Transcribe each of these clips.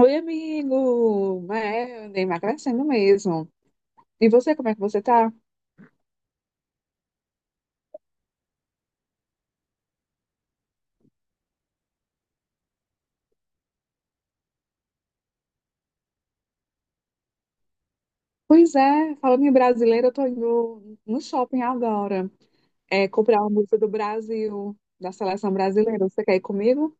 Oi, amigo! É, eu andei emagrecendo mesmo. E você, como é que você tá? Pois é, falando em brasileiro, eu tô indo no shopping agora, é, comprar uma música do Brasil, da seleção brasileira. Você quer ir comigo?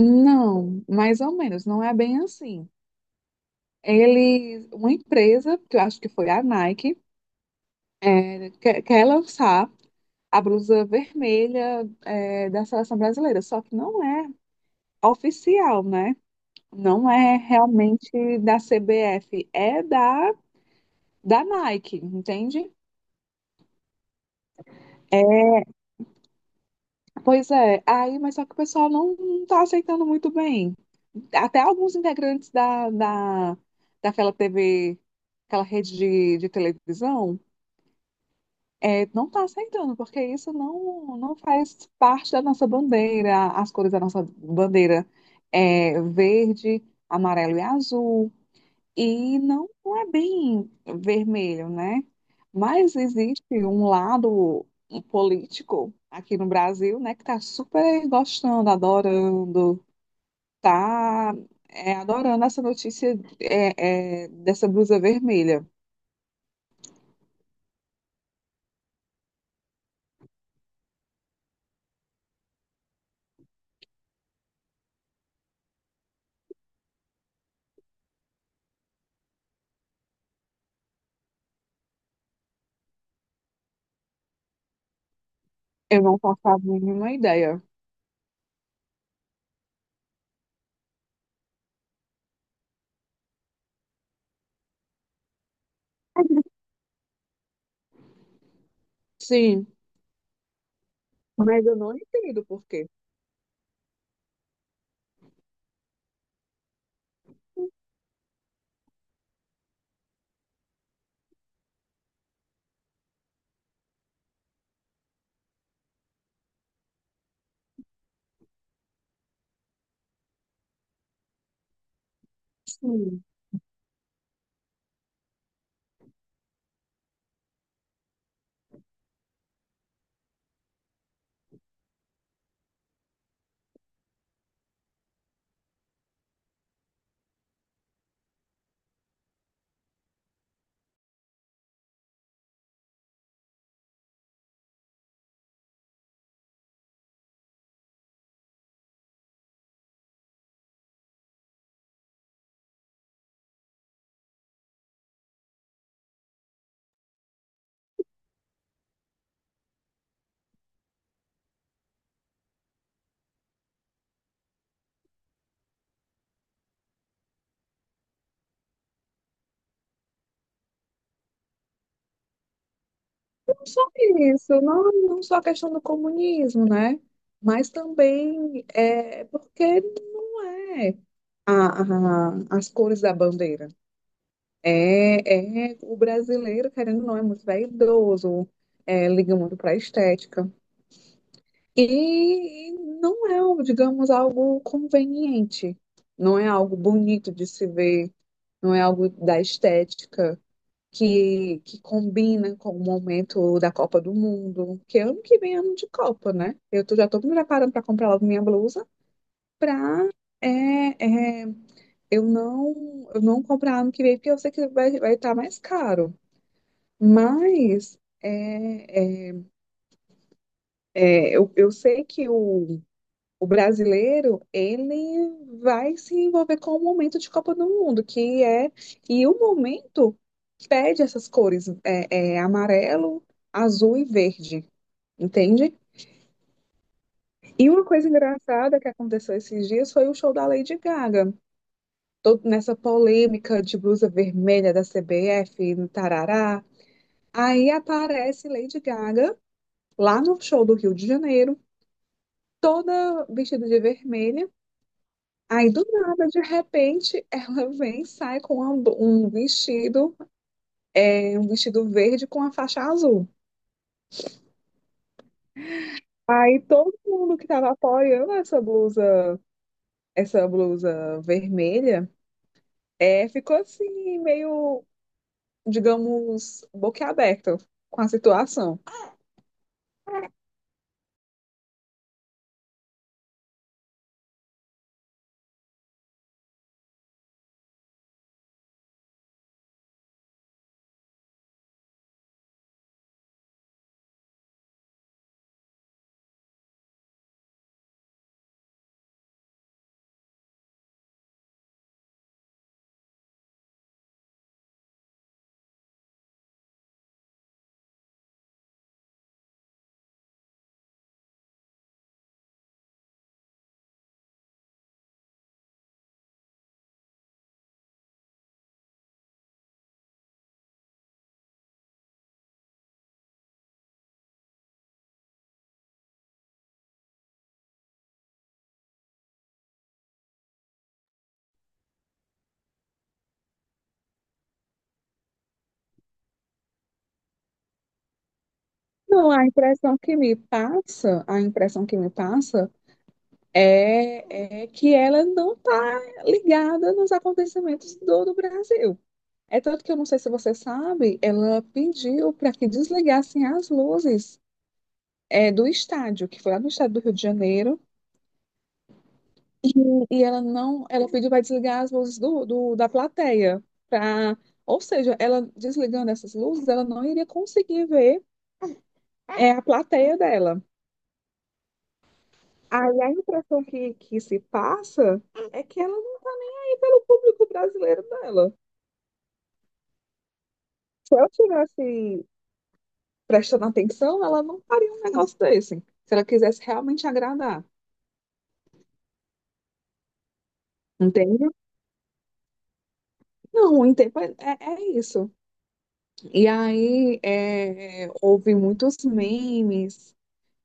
Não, mais ou menos, não é bem assim. Ele, uma empresa, que eu acho que foi a Nike, é, quer lançar a blusa vermelha, é, da seleção brasileira, só que não é oficial, né? Não é realmente da CBF, é da Nike, entende? Pois é, aí, mas só que o pessoal não tá aceitando muito bem. Até alguns integrantes daquela TV, aquela rede de televisão, é, não está aceitando, porque isso não faz parte da nossa bandeira, as cores da nossa bandeira é verde, amarelo e azul, e não é bem vermelho, né? Mas existe um lado político aqui no Brasil, né, que está super gostando, adorando, tá, adorando essa notícia dessa blusa vermelha. Eu não faço a mínima ideia. Sim, mas eu não entendo por quê. Sim. É isso, não, não só a questão do comunismo, né? Mas também é porque não é as cores da bandeira. O brasileiro, querendo ou não, é muito vaidoso, liga muito para a estética. E não é, algo, digamos, algo conveniente, não é algo bonito de se ver, não é algo da estética que combina com o momento da Copa do Mundo, que ano que vem é ano de Copa, né? Já estou me preparando para comprar logo minha blusa para é, é, eu não comprar ano que vem, porque eu sei que vai estar mais caro. Mas eu sei que o brasileiro ele vai se envolver com o momento de Copa do Mundo, que é e o momento pede essas cores amarelo, azul e verde, entende? E uma coisa engraçada que aconteceu esses dias foi o show da Lady Gaga, todo nessa polêmica de blusa vermelha da CBF, tarará. Aí aparece Lady Gaga lá no show do Rio de Janeiro toda vestida de vermelho. Aí do nada, de repente, ela vem e sai com uma um vestido, é, um vestido verde com a faixa azul. Aí todo mundo que estava apoiando essa blusa vermelha, ficou assim, meio, digamos, boquiaberto com a situação. Não, a impressão que me passa é que ela não está ligada nos acontecimentos do Brasil. É tanto que eu não sei se você sabe, ela pediu para que desligassem as luzes do estádio, que foi lá no estado do Rio de Janeiro, e ela não, ela pediu para desligar as luzes da plateia, pra, ou seja, ela desligando essas luzes, ela não iria conseguir ver a plateia dela. Aí a impressão que se passa é que ela não está nem aí pelo público brasileiro dela. Se eu tivesse prestando atenção, ela não faria um negócio desse. Se ela quisesse realmente agradar. Entende? Não, o tempo é isso. E aí é, houve muitos memes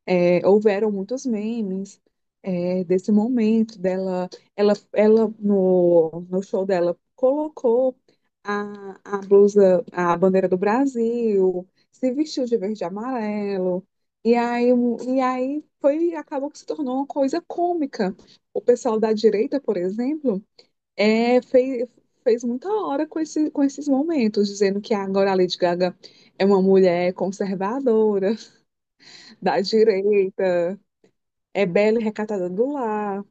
É, houveram muitos memes desse momento dela. Ela no show dela colocou a bandeira do Brasil, se vestiu de verde e amarelo. E aí, o- e aí foi, acabou que se tornou uma coisa cômica. O pessoal da direita, por exemplo, é, fez, fez muita hora com esses momentos, dizendo que agora a Lady Gaga é uma mulher conservadora, da direita. É bela e recatada do lar.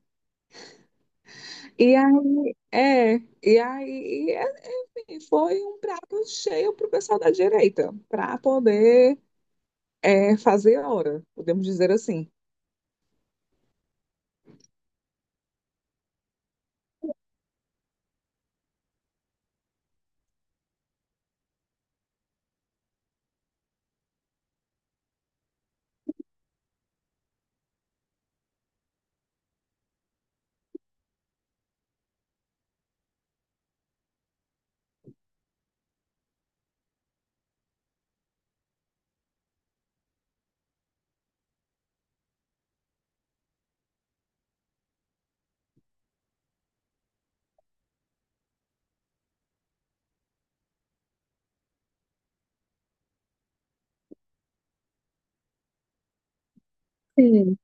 E aí, é, e aí, é- enfim, foi um prato cheio para o pessoal da direita, para poder fazer hora, podemos dizer assim. Sim,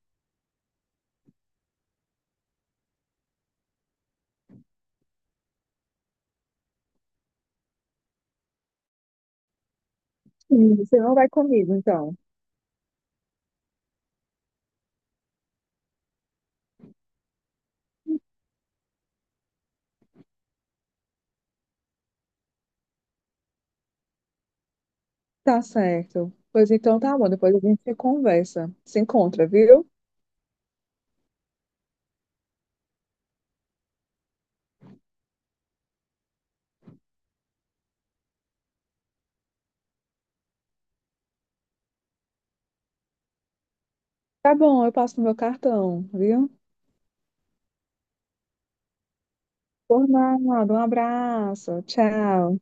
sim, você não vai comigo, então. Tá certo. Pois então tá bom, depois a gente conversa, se encontra, viu? Tá bom, eu passo no meu cartão, viu? Por nada, um abraço, tchau.